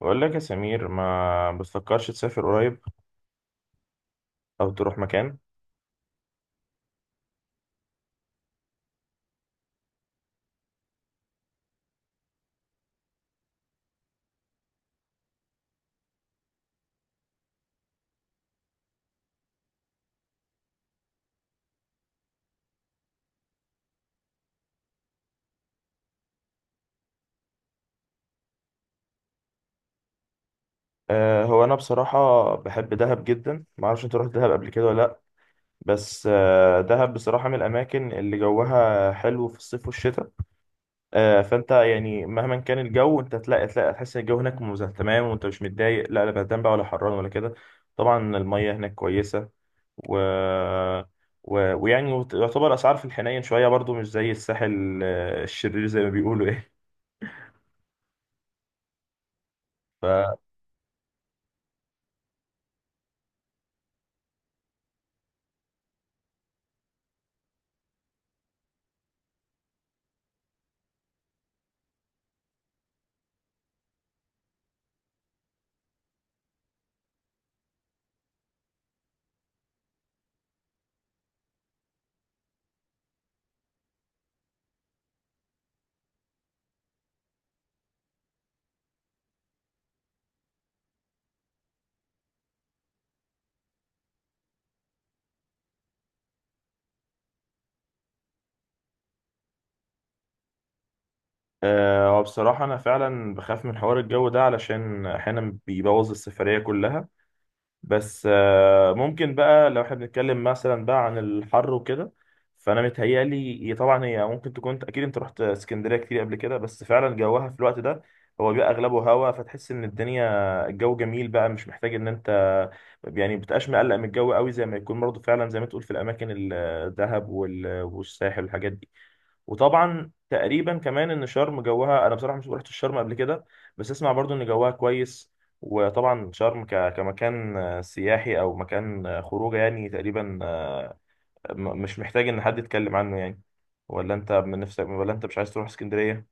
بقول لك يا سمير ما بتفكرش تسافر قريب او تروح مكان. هو انا بصراحه بحب دهب جدا. ما اعرفش انت رحت دهب قبل كده ولا لا؟ بس دهب بصراحه من الاماكن اللي جوها حلو في الصيف والشتاء. فانت يعني مهما كان الجو انت تلاقي تحس ان الجو هناك تمام، وانت مش متضايق، لا لا، بردان بقى ولا حران ولا كده. طبعا الميه هناك كويسه، و و- ويعني يعتبر اسعار في الحنين شويه برضو مش زي الساحل، الشرير زي ما بيقولوا ايه. ف وبصراحة أنا فعلا بخاف من حوار الجو ده علشان أحيانا بيبوظ السفرية كلها. بس ممكن بقى لو احنا بنتكلم مثلا بقى عن الحر وكده، فأنا متهيألي هي طبعا هي ممكن تكون. أكيد أنت رحت اسكندرية كتير قبل كده، بس فعلا جوها في الوقت ده هو بيبقى أغلبه هوا، فتحس إن الدنيا الجو جميل بقى. مش محتاج إن أنت يعني بتبقاش مقلق من الجو قوي زي ما يكون برضه، فعلا زي ما تقول في الأماكن الدهب والساحل والحاجات دي. وطبعا تقريبا كمان ان شرم جوها، انا بصراحه مش رحت الشرم قبل كده بس اسمع برضو ان جوها كويس. وطبعا شرم كمكان سياحي او مكان خروجه يعني تقريبا، مش محتاج ان حد يتكلم عنه يعني. ولا انت من نفسك ولا انت مش عايز تروح اسكندريه؟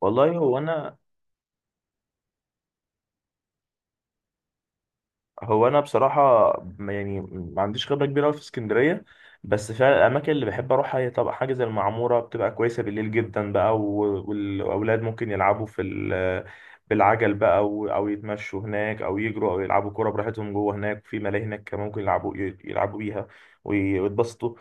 والله هو انا، هو انا بصراحه، يعني ما عنديش خبره كبيره أوي في اسكندريه، بس فعلا الاماكن اللي بحب اروحها هي طبعا حاجه زي المعموره بتبقى كويسه بالليل جدا بقى، و- والاولاد ممكن يلعبوا في بالعجل بقى او أو يتمشوا هناك او يجروا او يلعبوا كوره براحتهم جوه هناك. في ملاهي هناك كمان ممكن يلعبوا يلعبوا بيها وي- ويتبسطوا.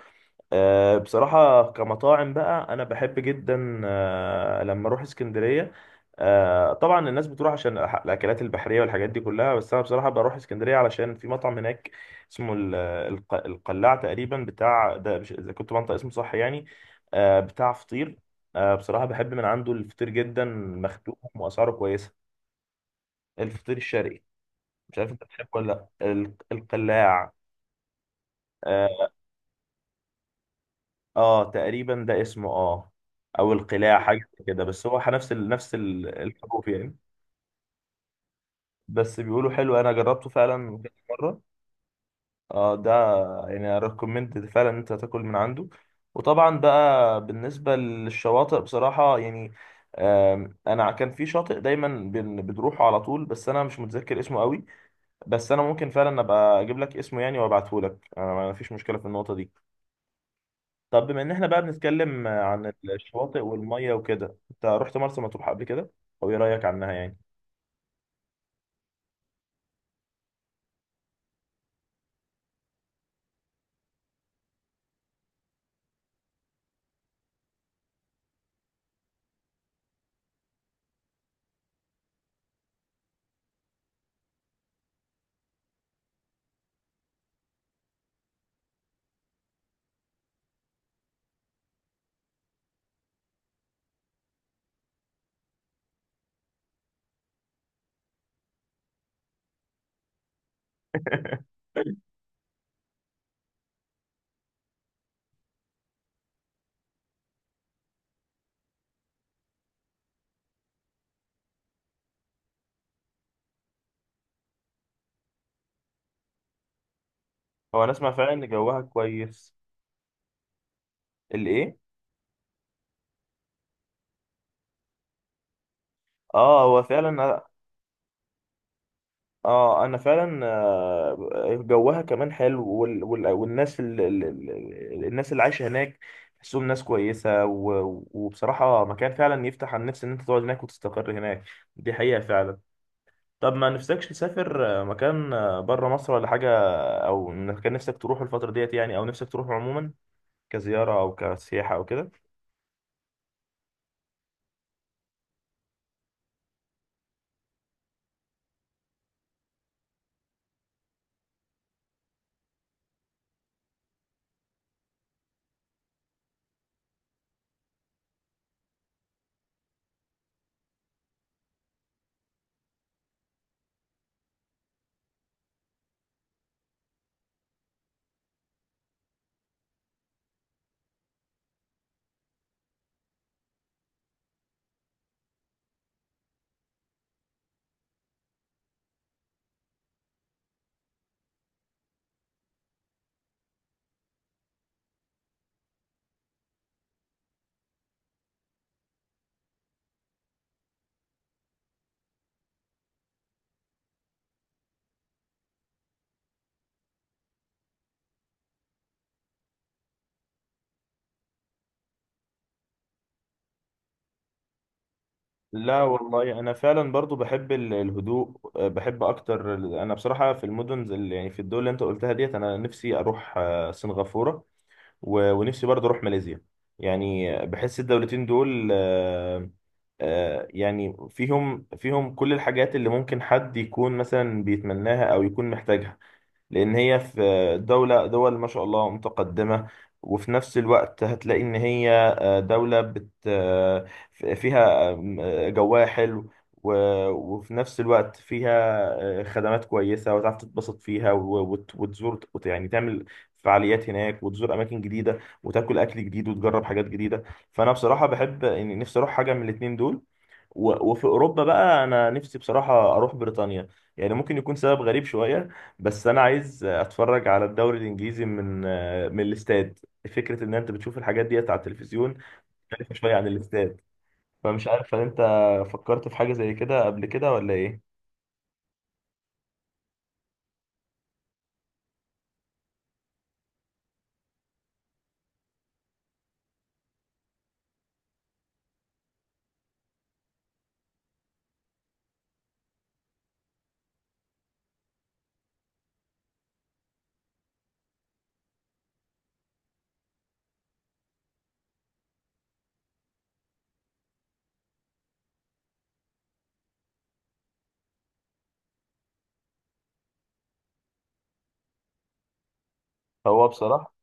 بصراحة كمطاعم بقى أنا بحب جدا لما أروح اسكندرية. طبعا الناس بتروح عشان الأكلات البحرية والحاجات دي كلها، بس أنا بصراحة بروح اسكندرية علشان في مطعم هناك اسمه القلاع تقريبا، بتاع ده مش إذا كنت بنطق اسمه صح يعني. بتاع فطير. بصراحة بحب من عنده الفطير جدا، مخدوم وأسعاره كويسة. الفطير الشرقي. مش عارف أنت بتحبه ولا لأ القلاع؟ آه، اه تقريبا ده اسمه اه، او القلاع حاجه كده، بس هو نفس الحروف يعني. بس بيقولوا حلو، انا جربته فعلا كذا مره. اه ده يعني ريكومند فعلا ان انت تاكل من عنده. وطبعا بقى بالنسبه للشواطئ بصراحه يعني، انا كان في شاطئ دايما بنروحه على طول، بس انا مش متذكر اسمه قوي. بس انا ممكن فعلا ابقى اجيب لك اسمه يعني وابعته لك، انا ما فيش مشكله في النقطه دي. طب بما ان احنا بقى بنتكلم عن الشواطئ والميه وكده، انت رحت مرسى مطروح قبل كده؟ او ايه رايك عنها يعني؟ هو انا اسمع فعلا ان جوها كويس. الايه؟ اه هو فعلا، اه انا فعلا، جوها كمان حلو وال... وال... والناس الناس اللي عايشه هناك تحسهم ناس كويسه، و... وبصراحه مكان فعلا يفتح على النفس ان انت تقعد هناك وتستقر هناك. دي حقيقه فعلا. طب ما نفسكش تسافر مكان بره مصر ولا حاجه؟ او مكان نفسك تروحه الفتره ديت يعني، او نفسك تروحه عموما كزياره او كسياحه او كده؟ لا والله انا فعلا برضو بحب الهدوء، بحب اكتر انا بصراحه في المدن زي يعني في الدول اللي انت قلتها ديت انا نفسي اروح سنغافوره، و- ونفسي برضو اروح ماليزيا. يعني بحس الدولتين دول يعني فيهم فيهم كل الحاجات اللي ممكن حد يكون مثلا بيتمناها او يكون محتاجها، لان هي في دولة دول ما شاء الله متقدمة. وفي نفس الوقت هتلاقي ان هي دولة بت آه، فيها جواها حلو، و- وفي نفس الوقت فيها خدمات كويسة، وتعرف تتبسط فيها و- وت- وتزور يعني تعمل فعاليات هناك وتزور أماكن جديدة، وتاكل أكل جديد وتجرب حاجات جديدة. فأنا بصراحة بحب يعني نفسي أروح حاجة من الاتنين دول. و- وفي اوروبا بقى انا نفسي بصراحه اروح بريطانيا. يعني ممكن يكون سبب غريب شويه، بس انا عايز اتفرج على الدوري الانجليزي من من الاستاد. فكره ان انت بتشوف الحاجات ديت على التلفزيون مختلفه شويه عن الاستاد. فمش عارف هل انت فكرت في حاجه زي كده قبل كده ولا ايه؟ هو بصراحه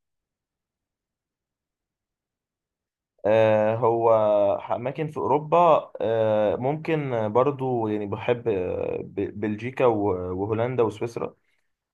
هو اماكن في اوروبا، ممكن برضو يعني بحب بلجيكا و- وهولندا وسويسرا.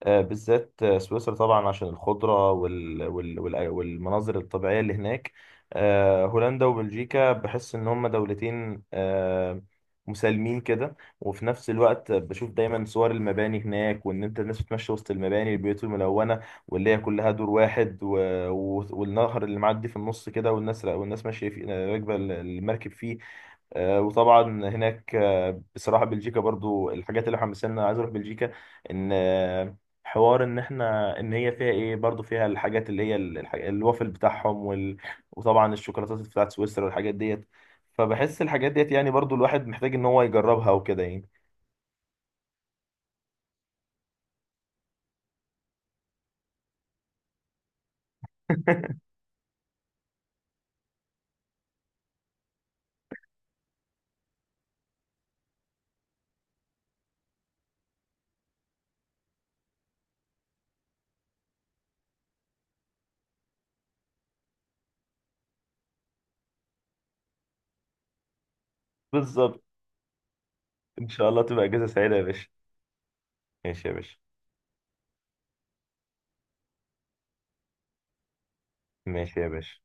بالذات سويسرا طبعا عشان الخضرة وال... وال... وال... والمناظر الطبيعية اللي هناك. هولندا وبلجيكا بحس إن هما دولتين مسالمين كده. وفي نفس الوقت بشوف دايما صور المباني هناك، وإن أنت الناس بتمشي وسط المباني، البيوت الملونة واللي هي كلها دور واحد، و... و... والنهر اللي معدي في النص كده، والناس والناس ماشية فيه، راكبة المركب فيه. وطبعا هناك، بصراحه بلجيكا برضو الحاجات اللي حمسنا عايز اروح بلجيكا ان حوار ان احنا ان هي فيها ايه، برضو فيها الحاجات اللي هي الوافل بتاعهم وال... وطبعا الشوكولاتات بتاعت سويسرا والحاجات ديت. فبحس الحاجات ديت يعني برضو الواحد محتاج ان هو يجربها وكده يعني. بالظبط. ان شاء الله تبقى اجازه سعيده يا باشا. ماشي يا باشا. ماشي يا باشا.